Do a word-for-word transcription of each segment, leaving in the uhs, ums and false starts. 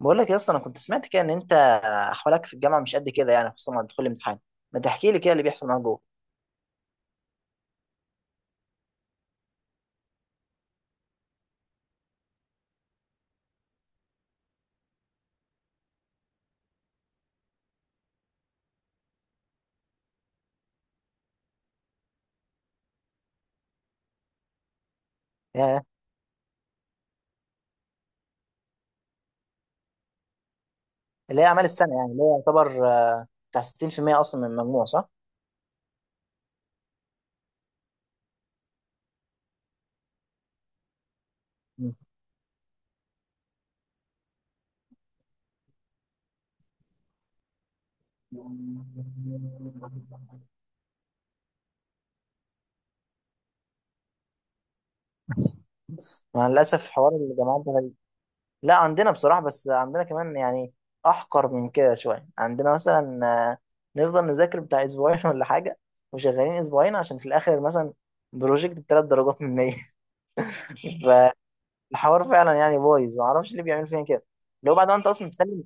بقول لك يا اسطى، انا كنت سمعت كده ان انت احوالك في الجامعه مش قد كده، يعني خصوصا مع دخول الامتحان. ما تحكي لي كده اللي بيحصل معاك جوه. ياه، اللي هي اعمال السنه، يعني اللي هي يعتبر آه، بتاع ستين في المية اصلا من المجموع، صح؟ مم. مع الاسف حوار الجامعات ده غريب. لا عندنا بصراحه، بس عندنا كمان يعني احقر من كده شويه. عندنا مثلا آه، نفضل نذاكر بتاع اسبوعين ولا حاجه، وشغالين اسبوعين عشان في الاخر مثلا بروجكت بثلاث درجات من مية. الحوار فعلا يعني بايظ، ما اعرفش ليه بيعمل فينا كده. اللي هو بعد ما انت اصلا بتسلم،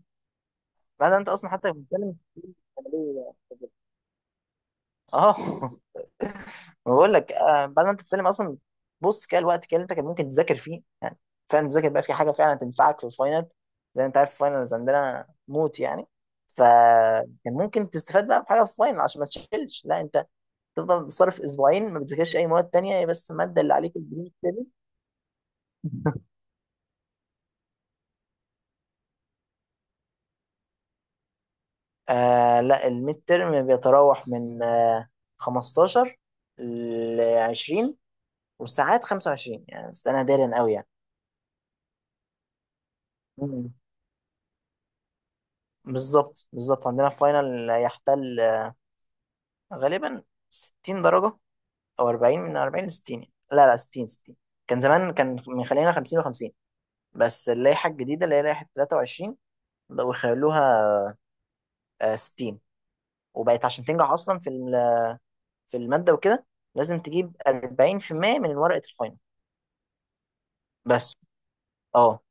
بعد ما انت اصلا حتى بتسلم. أنا ليه كده؟ اه. ما بقول لك، آه، بعد ما انت تسلم اصلا بص كده الوقت كده اللي انت كان ممكن تذاكر فيه، يعني فعلا تذاكر بقى في حاجه فعلا تنفعك في الفاينل. زي ما انت عارف الفاينلز عندنا موت يعني. فكان ممكن تستفاد بقى بحاجه في الفاينل عشان ما تشيلش. لا انت تفضل تصرف اسبوعين ما بتذاكرش اي مواد تانية، هي بس الماده اللي عليك البريد كده. آه لا الميد ترم بيتراوح من آه خمستاشر ل عشرين، والساعات خمسة وعشرين يعني، بس انا دارن قوي يعني. مم. بالظبط بالظبط، عندنا الفاينل يحتل آه، غالبا ستين درجة، او اربعين، من اربعين ل ستين. لا لا ستين ستين. كان زمان كان مخلينا خمسين و50، بس اللائحة الجديدة اللي هي لائحة ثلاثة وعشرين بقوا يخلوها آه، ستين. وبقت عشان تنجح اصلا في ال- في المادة وكده لازم تجيب اربعين في المية من ورقة الفاينل بس. اه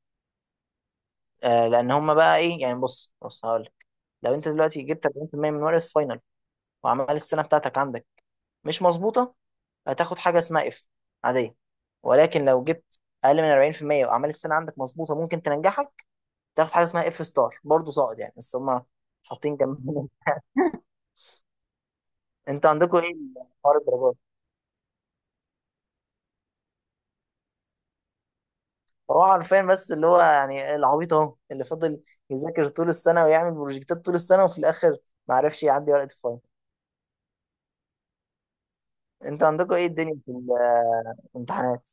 آه لان هم بقى ايه، يعني بص بص هقول لك، لو انت دلوقتي جبت اربعين بالمية من ورقه فاينل وعمال السنه بتاعتك عندك مش مظبوطه، هتاخد حاجه اسمها اف عاديه. ولكن لو جبت اقل من اربعين في المية وعمال السنه عندك مظبوطه ممكن تنجحك، تاخد حاجه اسمها اف ستار، برضه ساقط يعني، بس هم حاطين جنبهم. انت عندكم ايه حوار الدرجات؟ هو عارفين بس اللي هو يعني العبيط اهو اللي فضل يذاكر طول السنه ويعمل بروجكتات طول السنه وفي الاخر ما عرفش يعدي ورقه الفاينل. انت عندكم ايه الدنيا في الامتحانات؟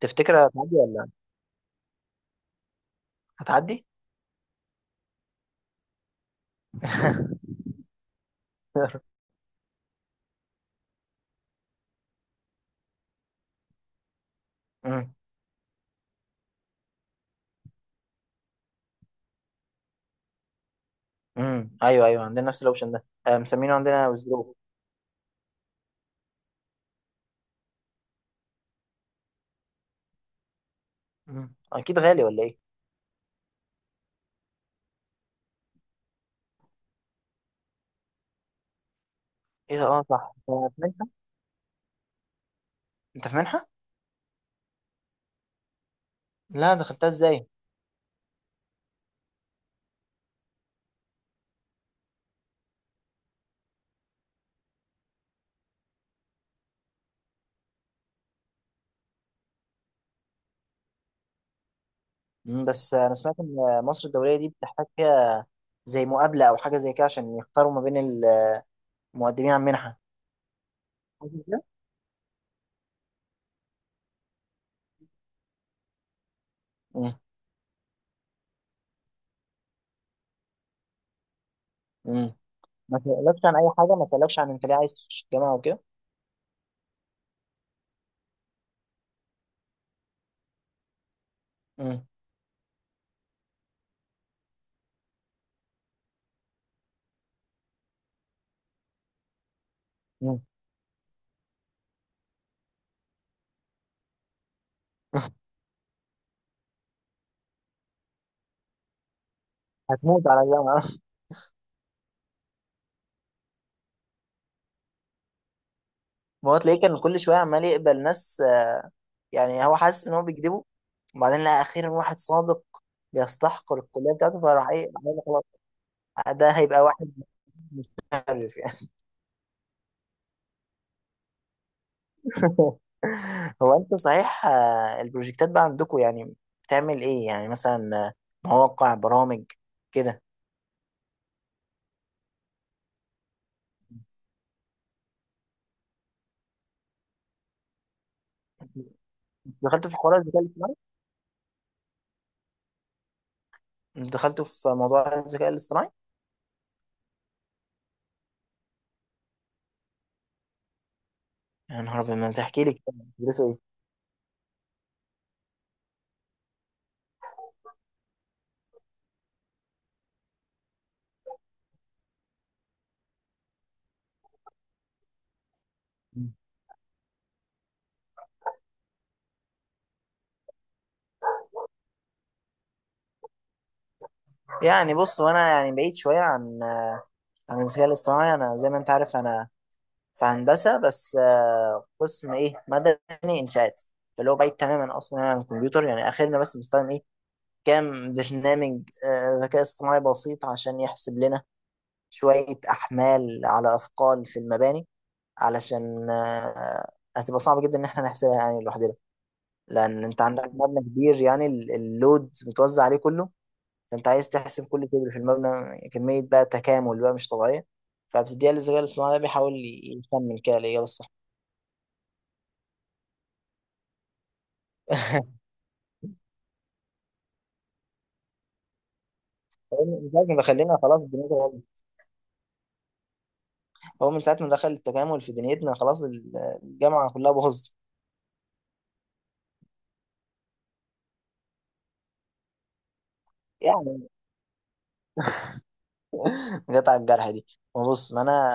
تفتكر هتعدي ولا هتعدي؟ امم امم ايوه ايوه، عندنا نفس الاوبشن ده، آه، مسمينه عندنا وزرو. مم. اكيد غالي ولا ايه؟ ايه ده؟ اه صح، انت في منحه؟ انت في منحه؟ لا، دخلتها ازاي؟ مم، بس انا سمعت ان مصر الدوليه دي بتحتاج فيها زي مقابله او حاجه زي كده، عشان يختاروا ما بين المقدمين على المنحه. حاجة زي كده؟ مم، مم. ما سألكش عن اي حاجه؟ ما سألكش عن انت ليه عايز تخش الجامعه وكده؟ مم، مم. هتموت على الجامعه. ما هو تلاقيه كان كل شويه عمال يقبل ناس يعني، هو حاسس ان هو بيكذبه، وبعدين لقى اخيرا واحد صادق بيستحقر الكليه بتاعته فراح ايه قال خلاص ده هيبقى واحد مشرف يعني. هو انت صحيح، آه، البروجكتات بقى عندكم يعني بتعمل ايه يعني مثلا، آه، مواقع برامج كده؟ دخلتوا في حوار الذكاء الاصطناعي؟ دخلتوا في موضوع الذكاء الاصطناعي؟ يا نهار ابيض، ما تحكي لي كده، بتدرسوا ايه؟ يعني بص، وانا يعني بعيد شويه عن آه، عن الذكاء الاصطناعي. انا زي ما انت عارف انا في هندسة، بس آه، قسم إيه مدني إنشاءات، اللي هو بعيد تماما أصلا عن الكمبيوتر. يعني آخرنا بس بنستخدم إيه كام برنامج آه، ذكاء اصطناعي بسيط عشان يحسب لنا شوية أحمال على أثقال في المباني، علشان آه، هتبقى صعب جدا إن إحنا نحسبها يعني لوحدنا، لأن أنت عندك مبنى كبير، يعني ال- اللود متوزع عليه كله، فأنت عايز تحسب كل كبر في المبنى كمية بقى تكامل بقى مش طبيعية، فبتديها للذكاء الاصطناعي ده بيحاول يكمل كده الإجابة الصح. هو من ساعة ما دخلنا خلاص دنيتنا باظت. هو من ساعة ما دخل التكامل في دنيتنا خلاص ال- الجامعة كلها باظت. يعني جت على الجرح دي. ما بص، ما أنا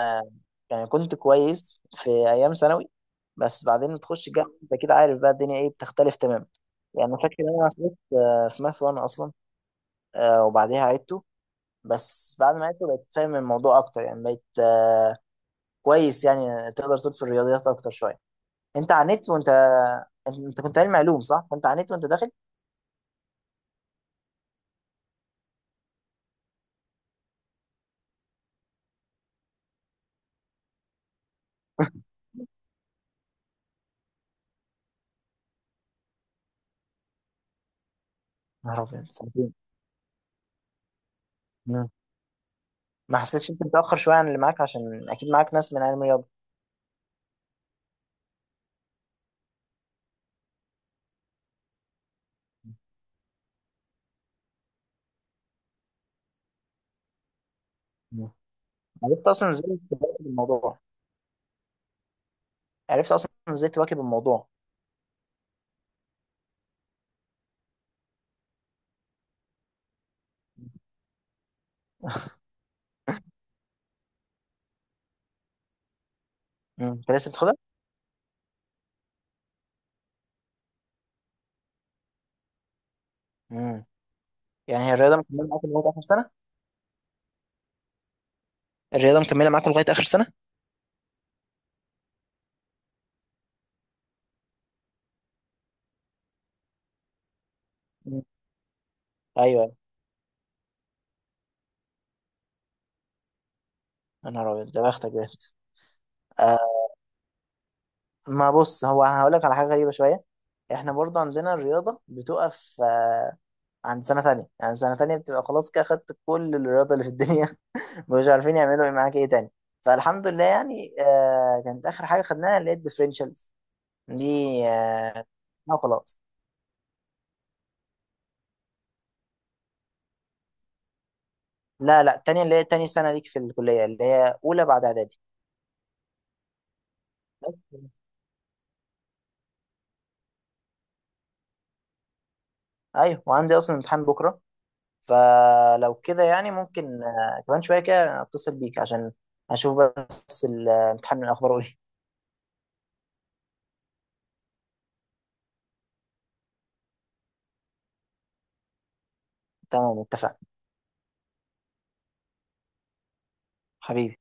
يعني كنت كويس في أيام ثانوي، بس بعدين تخش الجامعة أنت كده عارف بقى الدنيا إيه بتختلف تماما. يعني فاكر إن أنا عصيت آه، في ماث واحد أصلا، آه، وبعديها عدته، بس بعد ما عدته بقيت فاهم الموضوع أكتر، يعني بقيت آه، كويس يعني، تقدر تقول في الرياضيات أكتر شوية. أنت عانيت وأنت أنت أنت كنت علم علوم صح؟ كنت عانيت وأنت داخل؟ نهار أبيض ساعتين. مم. ما حسيتش أنت متأخر شوية عن اللي معاك، عشان أكيد معاك ناس من علم الرياضة؟ مم. عرفت أصلا إزاي تواكب الموضوع؟ عرفت أصلا إزاي تواكب الموضوع؟ مم. أنت لسه بتاخدها؟ مم. يعني هي الرياضة مكملة معاكم لغاية آخر سنة؟ الرياضة مكملة معاكم لغاية آخر سنة؟ مم. أيوه، يا نهار أبيض، ده بختك بجد. آه، ما بص، هو هقول لك على حاجة غريبة شوية. احنا برضه عندنا الرياضة بتقف آه عند سنة تانية، يعني سنة تانية بتبقى خلاص كده خدت كل الرياضة اللي في الدنيا مش عارفين يعملوا ايه معاك ايه تاني. فالحمد لله يعني، آه كانت اخر حاجه خدناها اللي هي الديفرنشالز دي، آه وخلاص. لا لا، التانية اللي هي تاني سنه ليك في الكليه اللي هي اولى بعد اعدادي بس. ايوه، وعندي اصلا امتحان بكره، فلو كده يعني ممكن آه كمان شويه كده اتصل بيك عشان اشوف بس الامتحان من اخباره ايه. تمام، اتفقنا. حبيبي.